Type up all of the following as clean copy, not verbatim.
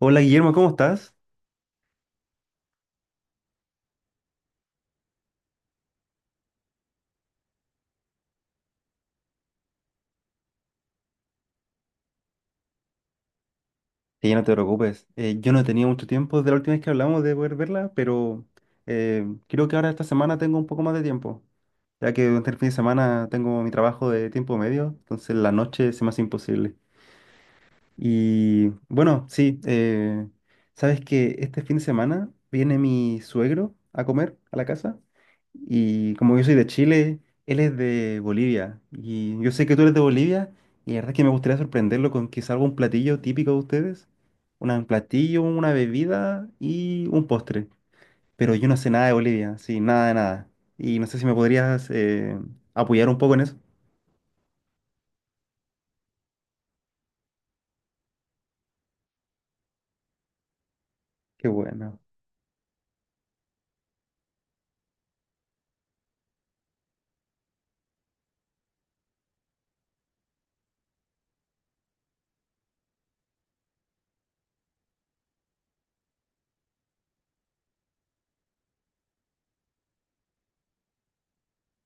Hola Guillermo, ¿cómo estás? Sí, no te preocupes. Yo no tenía mucho tiempo desde la última vez que hablamos de poder verla, pero creo que ahora esta semana tengo un poco más de tiempo, ya que durante el fin de semana tengo mi trabajo de tiempo medio, entonces la noche se me hace imposible. Y bueno, sí, sabes que este fin de semana viene mi suegro a comer a la casa y como yo soy de Chile, él es de Bolivia y yo sé que tú eres de Bolivia y la verdad es que me gustaría sorprenderlo con quizá algún platillo típico de ustedes, un platillo, una bebida y un postre, pero yo no sé nada de Bolivia, sí, nada de nada y no sé si me podrías apoyar un poco en eso. Qué bueno.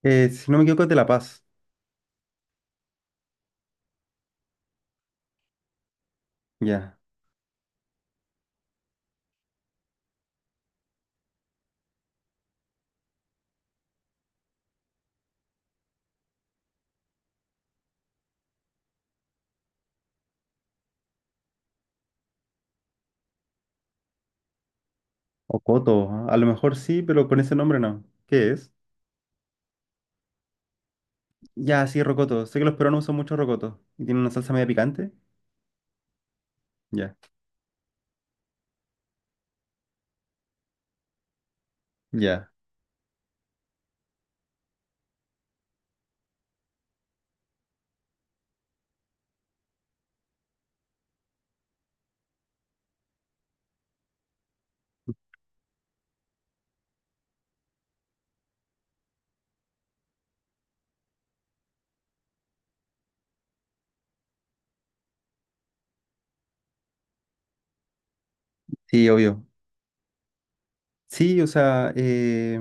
Si no me equivoco es de La Paz, ya. Rocoto, ah, a lo mejor sí, pero con ese nombre no. ¿Qué es? Ya, sí, rocoto. Sé que los peruanos usan mucho rocoto. ¿Y tiene una salsa media picante? Ya. Ya. Sí, obvio. Sí, o sea,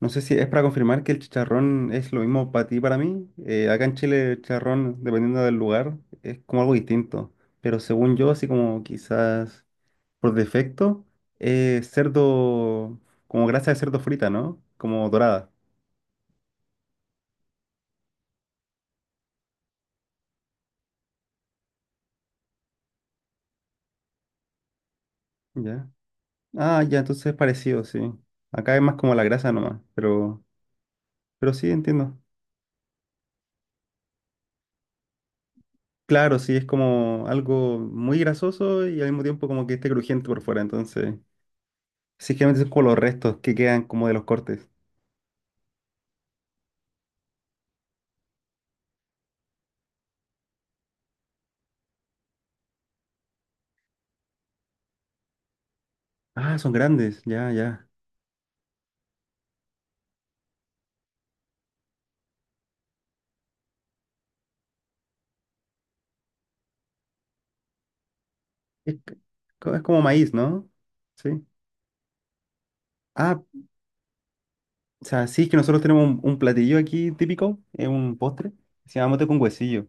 no sé si es para confirmar que el chicharrón es lo mismo para ti y para mí. Acá en Chile el chicharrón, dependiendo del lugar, es como algo distinto. Pero según yo, así como quizás por defecto, es cerdo, como grasa de cerdo frita, ¿no? Como dorada. Ya. Ah, ya, entonces es parecido, sí. Acá es más como la grasa nomás, pero sí entiendo. Claro, sí, es como algo muy grasoso y al mismo tiempo como que esté crujiente por fuera, entonces. Sí, generalmente son como los restos que quedan como de los cortes. Ah, son grandes, ya, ya. Es, c- es como maíz, ¿no? Sí. Ah, o sea, sí, es que nosotros tenemos un platillo aquí típico, es un postre, se llama mote con huesillo.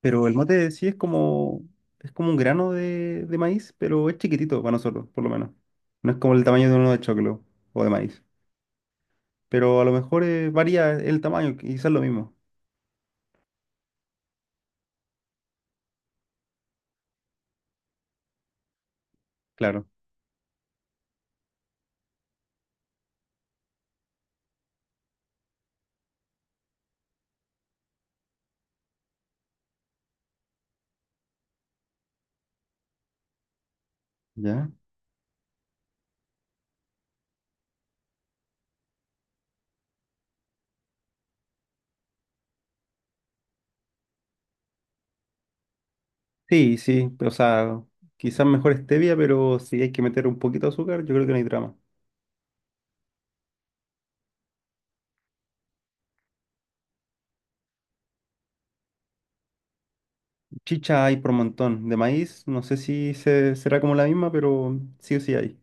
Pero el mote sí es como un grano de maíz, pero es chiquitito para nosotros, por lo menos. No es como el tamaño de uno de choclo o de maíz. Pero a lo mejor varía el tamaño, quizás lo mismo. Claro. ¿Ya? Sí, sí, o sea, quizás mejor stevia, pero si hay que meter un poquito de azúcar, yo creo que no hay drama. Chicha hay por montón. De maíz, no sé si será como la misma, pero sí o sí hay.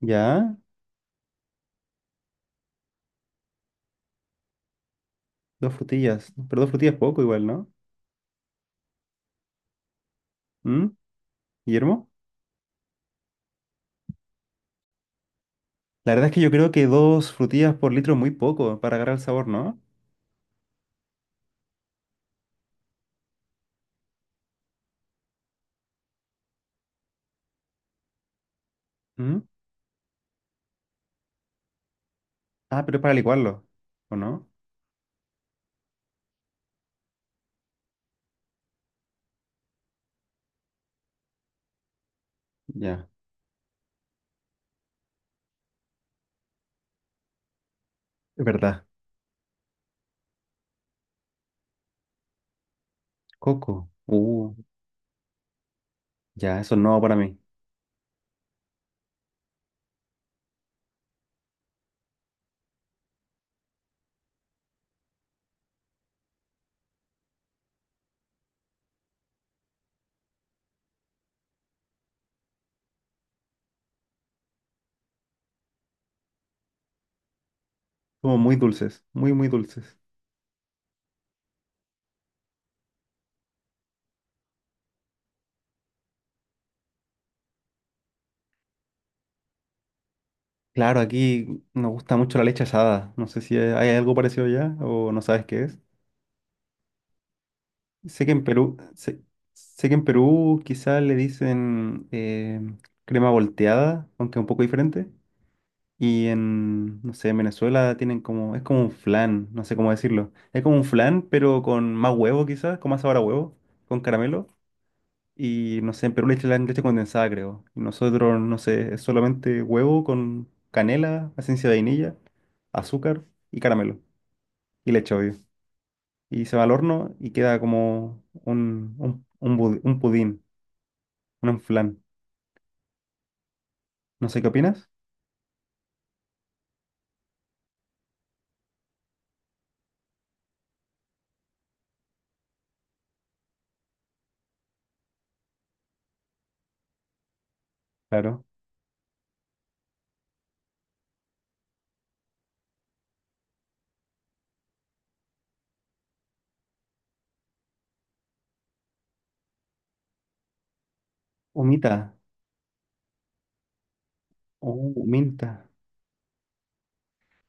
¿Ya? Dos frutillas. Pero dos frutillas poco igual, ¿no? ¿Mm? ¿Guillermo? La verdad es que yo creo que dos frutillas por litro es muy poco para agarrar el sabor, ¿no? ¿Mm? Ah, pero es para licuarlo, ¿o no? Ya, es verdad. Coco. Ya, eso no para mí. Somos muy dulces, muy, muy dulces. Claro, aquí nos gusta mucho la leche asada. No sé si hay algo parecido allá o no sabes qué es. Sé que en Perú, sé, sé que en Perú quizás le dicen crema volteada, aunque es un poco diferente. Y en, no sé, en Venezuela tienen como, es como un flan, no sé cómo decirlo. Es como un flan, pero con más huevo quizás, con más sabor a huevo, con caramelo. Y no sé, en Perú le echan leche condensada, creo. Y nosotros, no sé, es solamente huevo con canela, esencia de vainilla, azúcar y caramelo. Y leche, obvio. Y se va al horno y queda como un pudín, un flan. No sé qué opinas. Claro. Humita. Oh, minta.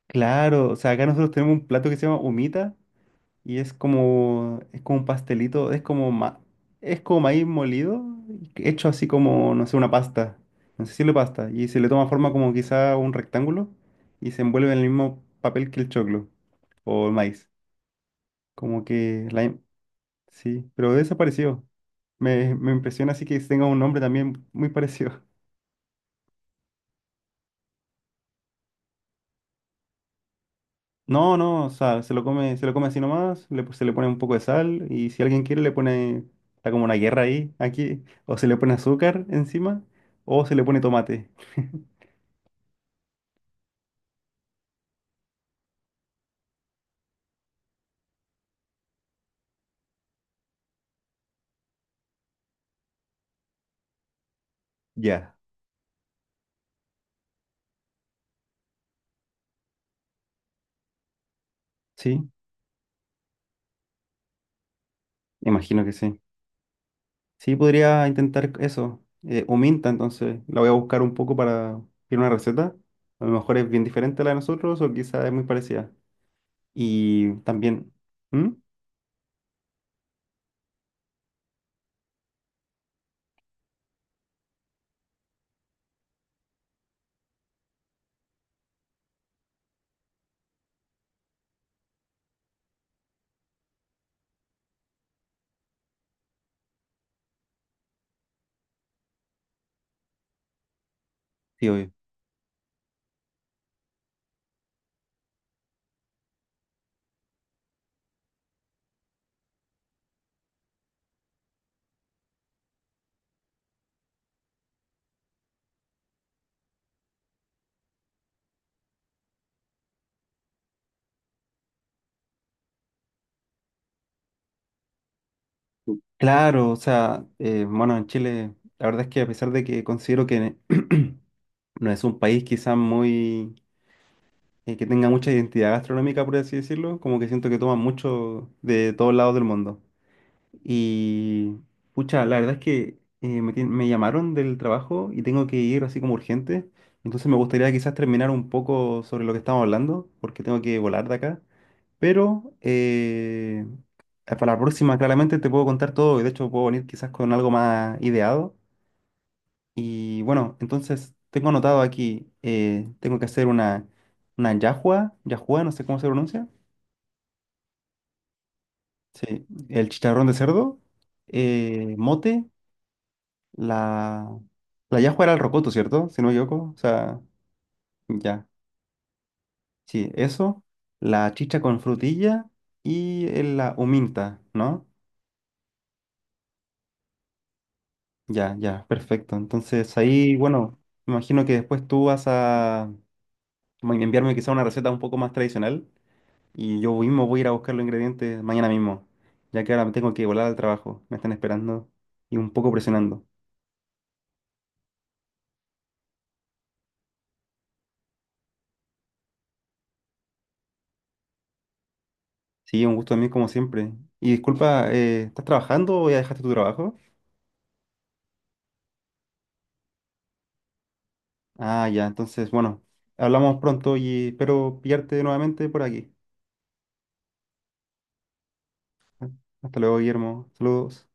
Claro, o sea, acá nosotros tenemos un plato que se llama humita y es como un pastelito, es como, es como maíz molido, hecho así como, no sé, una pasta, no sé si le pasta, y se le toma forma como quizá un rectángulo y se envuelve en el mismo papel que el choclo o el maíz, como que, la, sí, pero desapareció. Me impresiona así que tenga un nombre también muy parecido. No, no, o sea, se lo come así nomás, le, se le pone un poco de sal y si alguien quiere le pone, está como una guerra ahí, aquí, o se le pone azúcar encima o se le pone tomate. Ya, sí, imagino que sí. Sí, podría intentar eso, o minta, entonces la voy a buscar un poco para ir una receta. A lo mejor es bien diferente a la de nosotros o quizá es muy parecida. Y también, ¿mm? Sí, obvio. Claro, o sea, bueno, en Chile, la verdad es que a pesar de que considero que no es un país quizás muy... que tenga mucha identidad gastronómica, por así decirlo, como que siento que toman mucho de todos lados del mundo. Y, pucha, la verdad es que me llamaron del trabajo y tengo que ir así como urgente, entonces me gustaría quizás terminar un poco sobre lo que estamos hablando, porque tengo que volar de acá. Pero para la próxima claramente te puedo contar todo y de hecho puedo venir quizás con algo más ideado y bueno, entonces tengo anotado aquí, tengo que hacer una yahua, yahua, no sé cómo se pronuncia. Sí, el chicharrón de cerdo, mote, la... La yahua era el rocoto, ¿cierto? Si no me equivoco. O sea, ya. Sí, eso, la chicha con frutilla y la huminta, ¿no? Ya, ya, perfecto. Entonces ahí, bueno, me imagino que después tú vas a bueno, enviarme quizá una receta un poco más tradicional. Y yo mismo voy a ir a buscar los ingredientes mañana mismo, ya que ahora me tengo que volar al trabajo. Me están esperando y un poco presionando. Sí, un gusto a mí como siempre. Y disculpa, ¿estás trabajando o ya dejaste tu trabajo? Ah, ya, entonces, bueno, hablamos pronto y espero pillarte nuevamente por aquí. Hasta luego, Guillermo. Saludos.